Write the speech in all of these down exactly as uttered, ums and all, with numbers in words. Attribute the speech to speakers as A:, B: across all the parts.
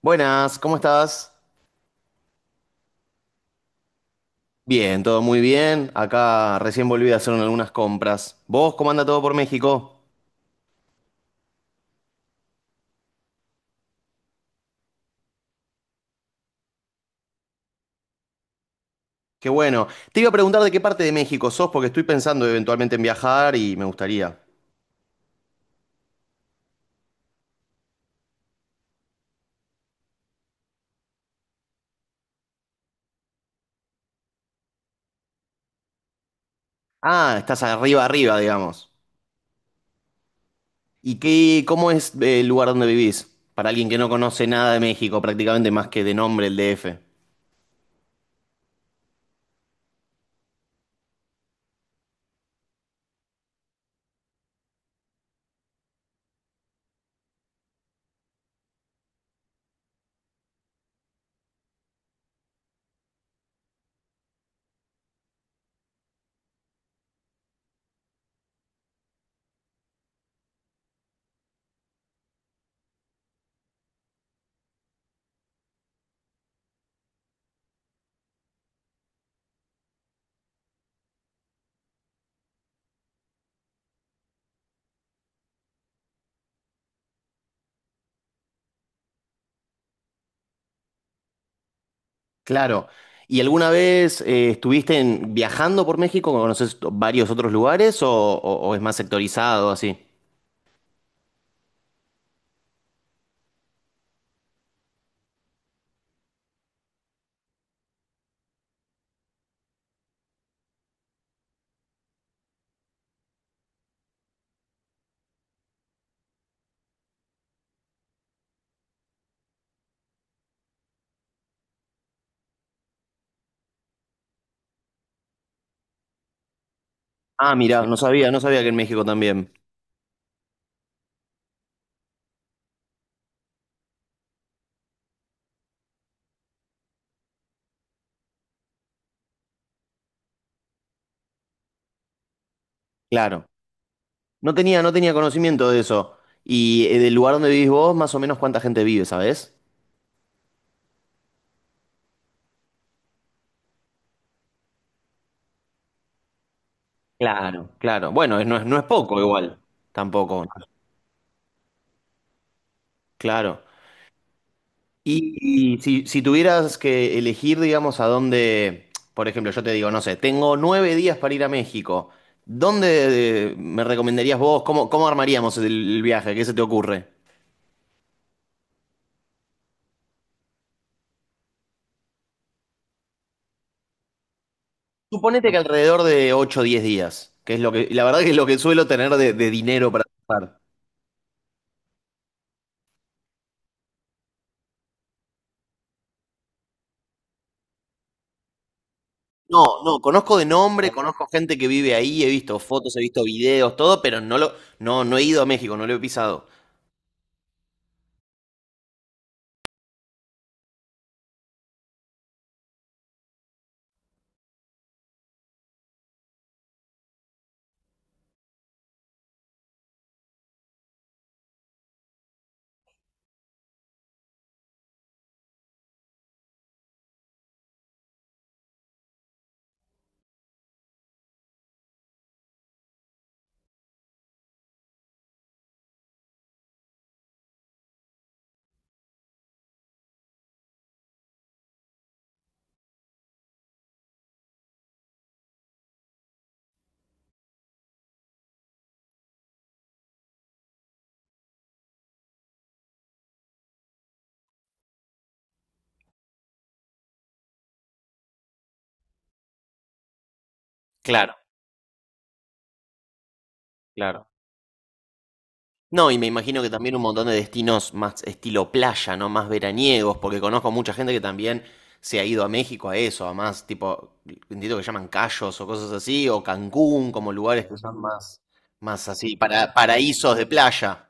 A: Buenas, ¿cómo estás? Bien, todo muy bien. Acá recién volví a hacer algunas compras. ¿Vos cómo anda todo por México? Qué bueno. Te iba a preguntar de qué parte de México sos, porque estoy pensando eventualmente en viajar y me gustaría. Ah, estás arriba, arriba, digamos. ¿Y qué, cómo es eh, el lugar donde vivís? Para alguien que no conoce nada de México, prácticamente más que de nombre el D F. Claro. ¿Y alguna vez eh, estuviste en- viajando por México? ¿Conoces varios otros lugares o, o- o es más sectorizado así? Ah, mira, no sabía, no sabía que en México también. Claro. No tenía, no tenía conocimiento de eso. Y eh, del lugar donde vivís vos, más o menos cuánta gente vive, ¿sabés? Claro, claro. Bueno, es- no es, no es poco igual, tampoco. Claro. Y, y, si, si tuvieras que elegir, digamos, a dónde, por ejemplo, yo te digo, no sé, tengo nueve días para ir a México. ¿Dónde eh, me recomendarías vos? ¿Cómo, cómo armaríamos el, el viaje? ¿Qué se te ocurre? Suponete que alrededor de ocho, o diez días, que es lo que, la verdad que es lo que suelo tener de, de dinero para gastar. No, no, conozco de nombre, conozco gente que vive ahí, he visto fotos, he visto videos, todo, pero no lo, no, no he ido a México, no lo he pisado. Claro, claro. No, y me imagino que también un montón de destinos más estilo playa, ¿no? Más veraniegos, porque conozco mucha gente que también se ha ido a México a eso, a más tipo, entiendo que llaman Cayos o cosas así, o Cancún, como lugares que son más, más así, para, paraísos de playa.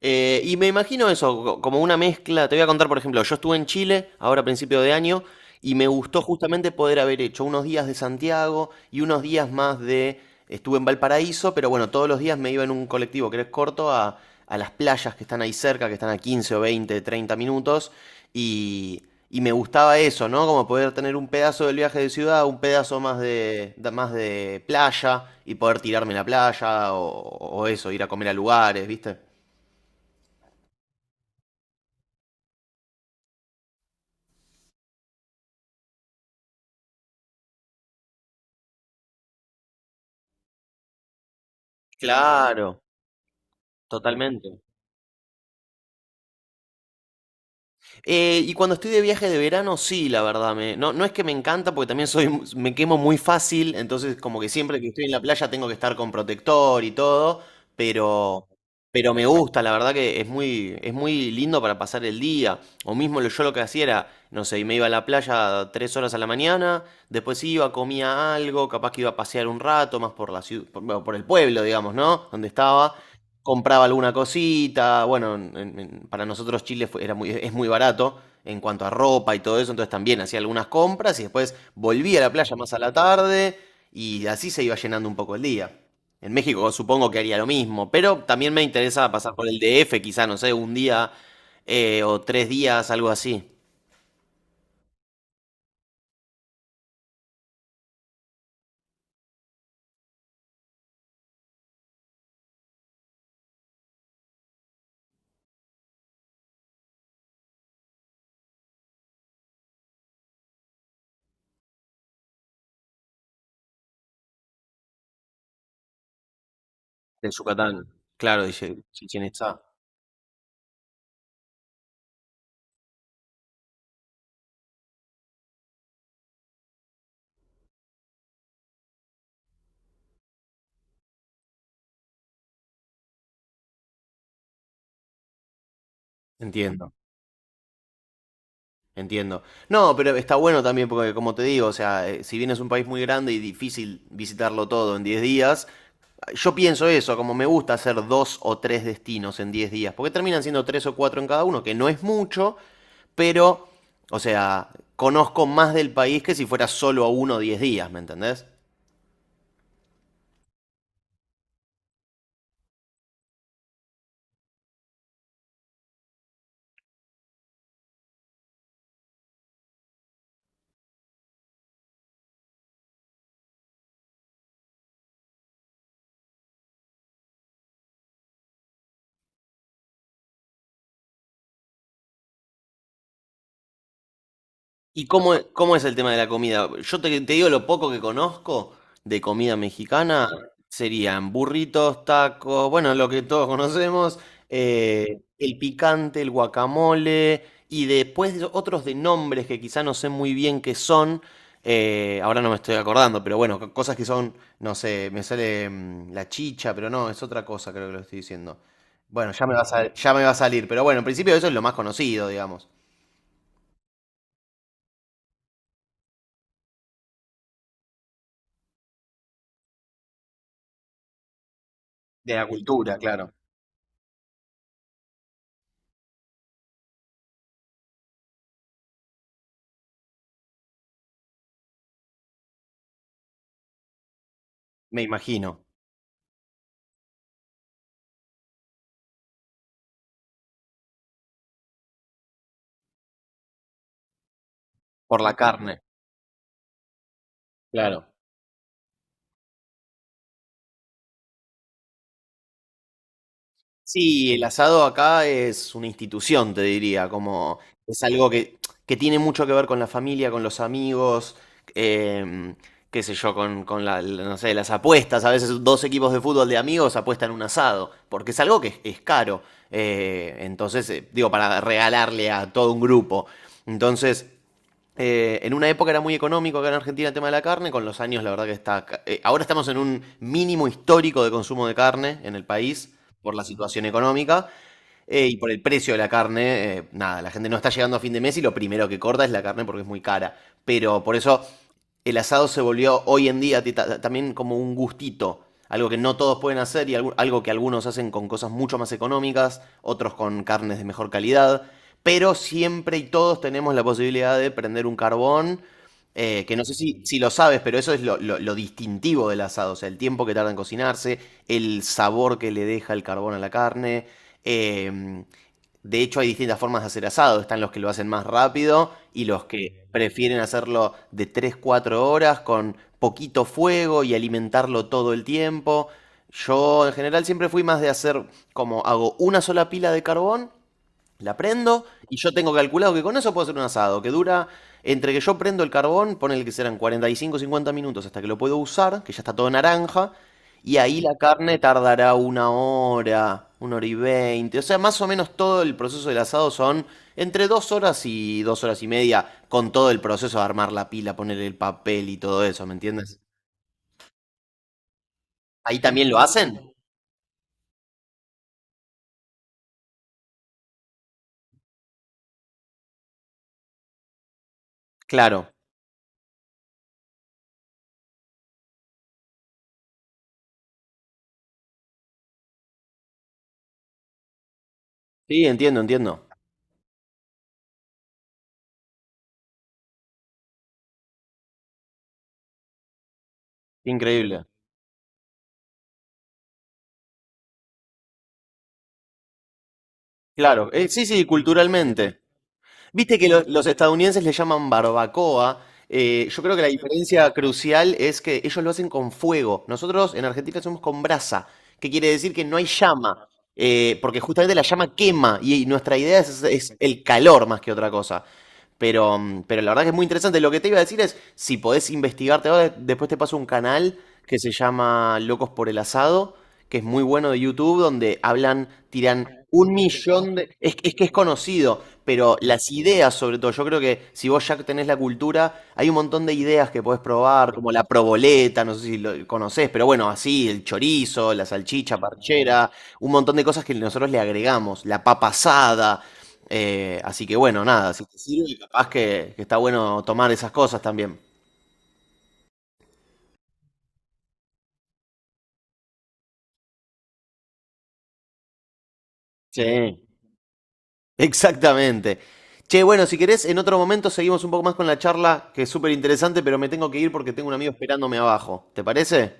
A: Eh, y me imagino eso, co- como una mezcla. Te voy a contar, por ejemplo, yo estuve en Chile ahora a principio de año y me gustó justamente poder haber hecho unos días de Santiago y unos días más de... Estuve en Valparaíso, pero bueno, todos los días me iba en un colectivo que es corto a, a las playas que están ahí cerca, que están a quince o veinte treinta minutos. Y, y me gustaba eso, ¿no? Como poder tener un pedazo del viaje de ciudad, un pedazo más de, de- más de playa y poder tirarme en la playa o, o eso, ir a comer a lugares, ¿viste? Claro, totalmente. Eh, y cuando estoy de viaje de verano, sí, la verdad, me, no, no es que me encanta, porque también soy, mu- me quemo muy fácil, entonces como que siempre que estoy en la playa tengo que estar con protector y todo, pero, pero me gusta, la verdad que es muy, es muy lindo para pasar el día. O mismo lo- yo lo que hacía era, no sé, y me iba a la playa tres horas a la mañana, después iba, comía algo, capaz que iba a pasear un rato más por la ciudad, por, bueno, por el pueblo, digamos, ¿no? Donde estaba. Compraba alguna cosita. Bueno, en- en- para nosotros Chile fue- era muy, es muy barato en cuanto a ropa y todo eso, entonces también hacía algunas compras y después volvía a la playa más a la tarde y así se iba llenando un poco el día. En México supongo que haría lo mismo, pero también me interesa pasar por el D F, quizá, no sé, un día eh, o tres días, algo así, de Yucatán. Claro, dice Chichén Itzá. Entiendo. Entiendo. No, pero está bueno también porque, como te digo, o sea, eh, si bien es un país muy grande y difícil visitarlo todo en diez días, yo pienso eso, como me gusta hacer dos o tres destinos en diez días, porque terminan siendo tres o cuatro en cada uno, que no es mucho, pero, o sea, conozco más del país que si fuera solo a uno diez días, ¿me entendés? ¿Y cómo, e- cómo es el tema de la comida? Yo te, te digo lo poco que conozco de comida mexicana, serían burritos, tacos, bueno, lo que todos conocemos, eh, el picante, el guacamole, y después de otros de nombres que quizá no sé muy bien qué son, eh, ahora no me estoy acordando, pero bueno, co- cosas que son, no sé, me sale mm, la chicha, pero no, es otra cosa creo que lo estoy diciendo. Bueno, ya me va a, sal- ya me va a salir, pero bueno, en principio eso es lo más conocido, digamos, de la cultura, claro. Me imagino, por la carne. Claro. Sí, el asado acá es una institución, te diría, como es algo que, que tiene mucho que ver con la familia, con los amigos, em, qué sé yo, con, con la, la- no sé, las apuestas. A veces dos equipos de fútbol de amigos apuestan un asado, porque es algo que es, es caro. eh, entonces, eh, digo, para regalarle a todo un grupo. Entonces, eh, en una época era muy económico acá en Argentina el tema de la carne, con los años la verdad que está... eh, ahora estamos en un mínimo histórico de consumo de carne en el país por la situación económica, eh, y por el precio de la carne, eh, nada, la gente no está llegando a fin de mes y lo primero que corta es la carne porque es muy cara. Pero por eso el asado se volvió hoy en día ti- ta- también como un gustito, algo que no todos pueden hacer y algu- algo que algunos hacen con cosas mucho más económicas, otros con carnes de mejor calidad. Pero siempre y todos tenemos la posibilidad de prender un carbón, eh, que no sé si, si lo sabes, pero eso es lo, lo- lo distintivo del asado, o sea, el tiempo que tarda en cocinarse, el sabor que le deja el carbón a la carne, eh, de hecho, hay distintas formas de hacer asado. Están los que lo hacen más rápido y los que prefieren hacerlo de tres cuatro horas con poquito fuego y alimentarlo todo el tiempo. Yo en general siempre fui más de hacer como hago una sola pila de carbón, la prendo y yo tengo calculado que con eso puedo hacer un asado que dura entre que yo prendo el carbón, ponele que serán cuarenta y cinco cincuenta minutos hasta que lo puedo usar, que ya está todo naranja, y ahí la carne tardará una hora, una hora y veinte. O sea, más o menos todo el proceso del asado son entre dos horas y dos horas y media, con todo el proceso de armar la pila, poner el papel y todo eso, ¿me entiendes? ¿Ahí también lo hacen? Claro. Sí, entiendo, entiendo. Increíble. Claro, eh, sí, sí, culturalmente. Viste que lo- los estadounidenses le llaman barbacoa. eh, yo creo que la diferencia crucial es que ellos lo hacen con fuego. Nosotros en Argentina hacemos con brasa, que quiere decir que no hay llama, eh, porque justamente la llama quema y y nuestra idea es, es el calor más que otra cosa. Pero, mm, pero la verdad que es muy interesante. Lo que te iba a decir es, si podés investigarte ahora, después te paso un canal que se llama Locos por el Asado, que es muy bueno de YouTube, donde hablan, tiran un millón de... Es, es que es conocido, pero las ideas sobre todo, yo creo que si vos ya tenés la cultura, hay un montón de ideas que podés probar, como la proboleta, no sé si lo conocés, pero bueno, así, el chorizo, la salchicha parchera, un montón de cosas que nosotros le agregamos, la papa asada. eh, así que bueno, nada, si te sirve, capaz que, que está bueno tomar esas cosas también. Sí. Exactamente. Che, bueno, si querés, en otro momento seguimos un poco más con la charla, que es súper interesante, pero me tengo que ir porque tengo un amigo esperándome abajo. ¿Te parece?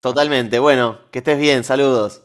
A: Totalmente. Bueno, que estés bien. Saludos.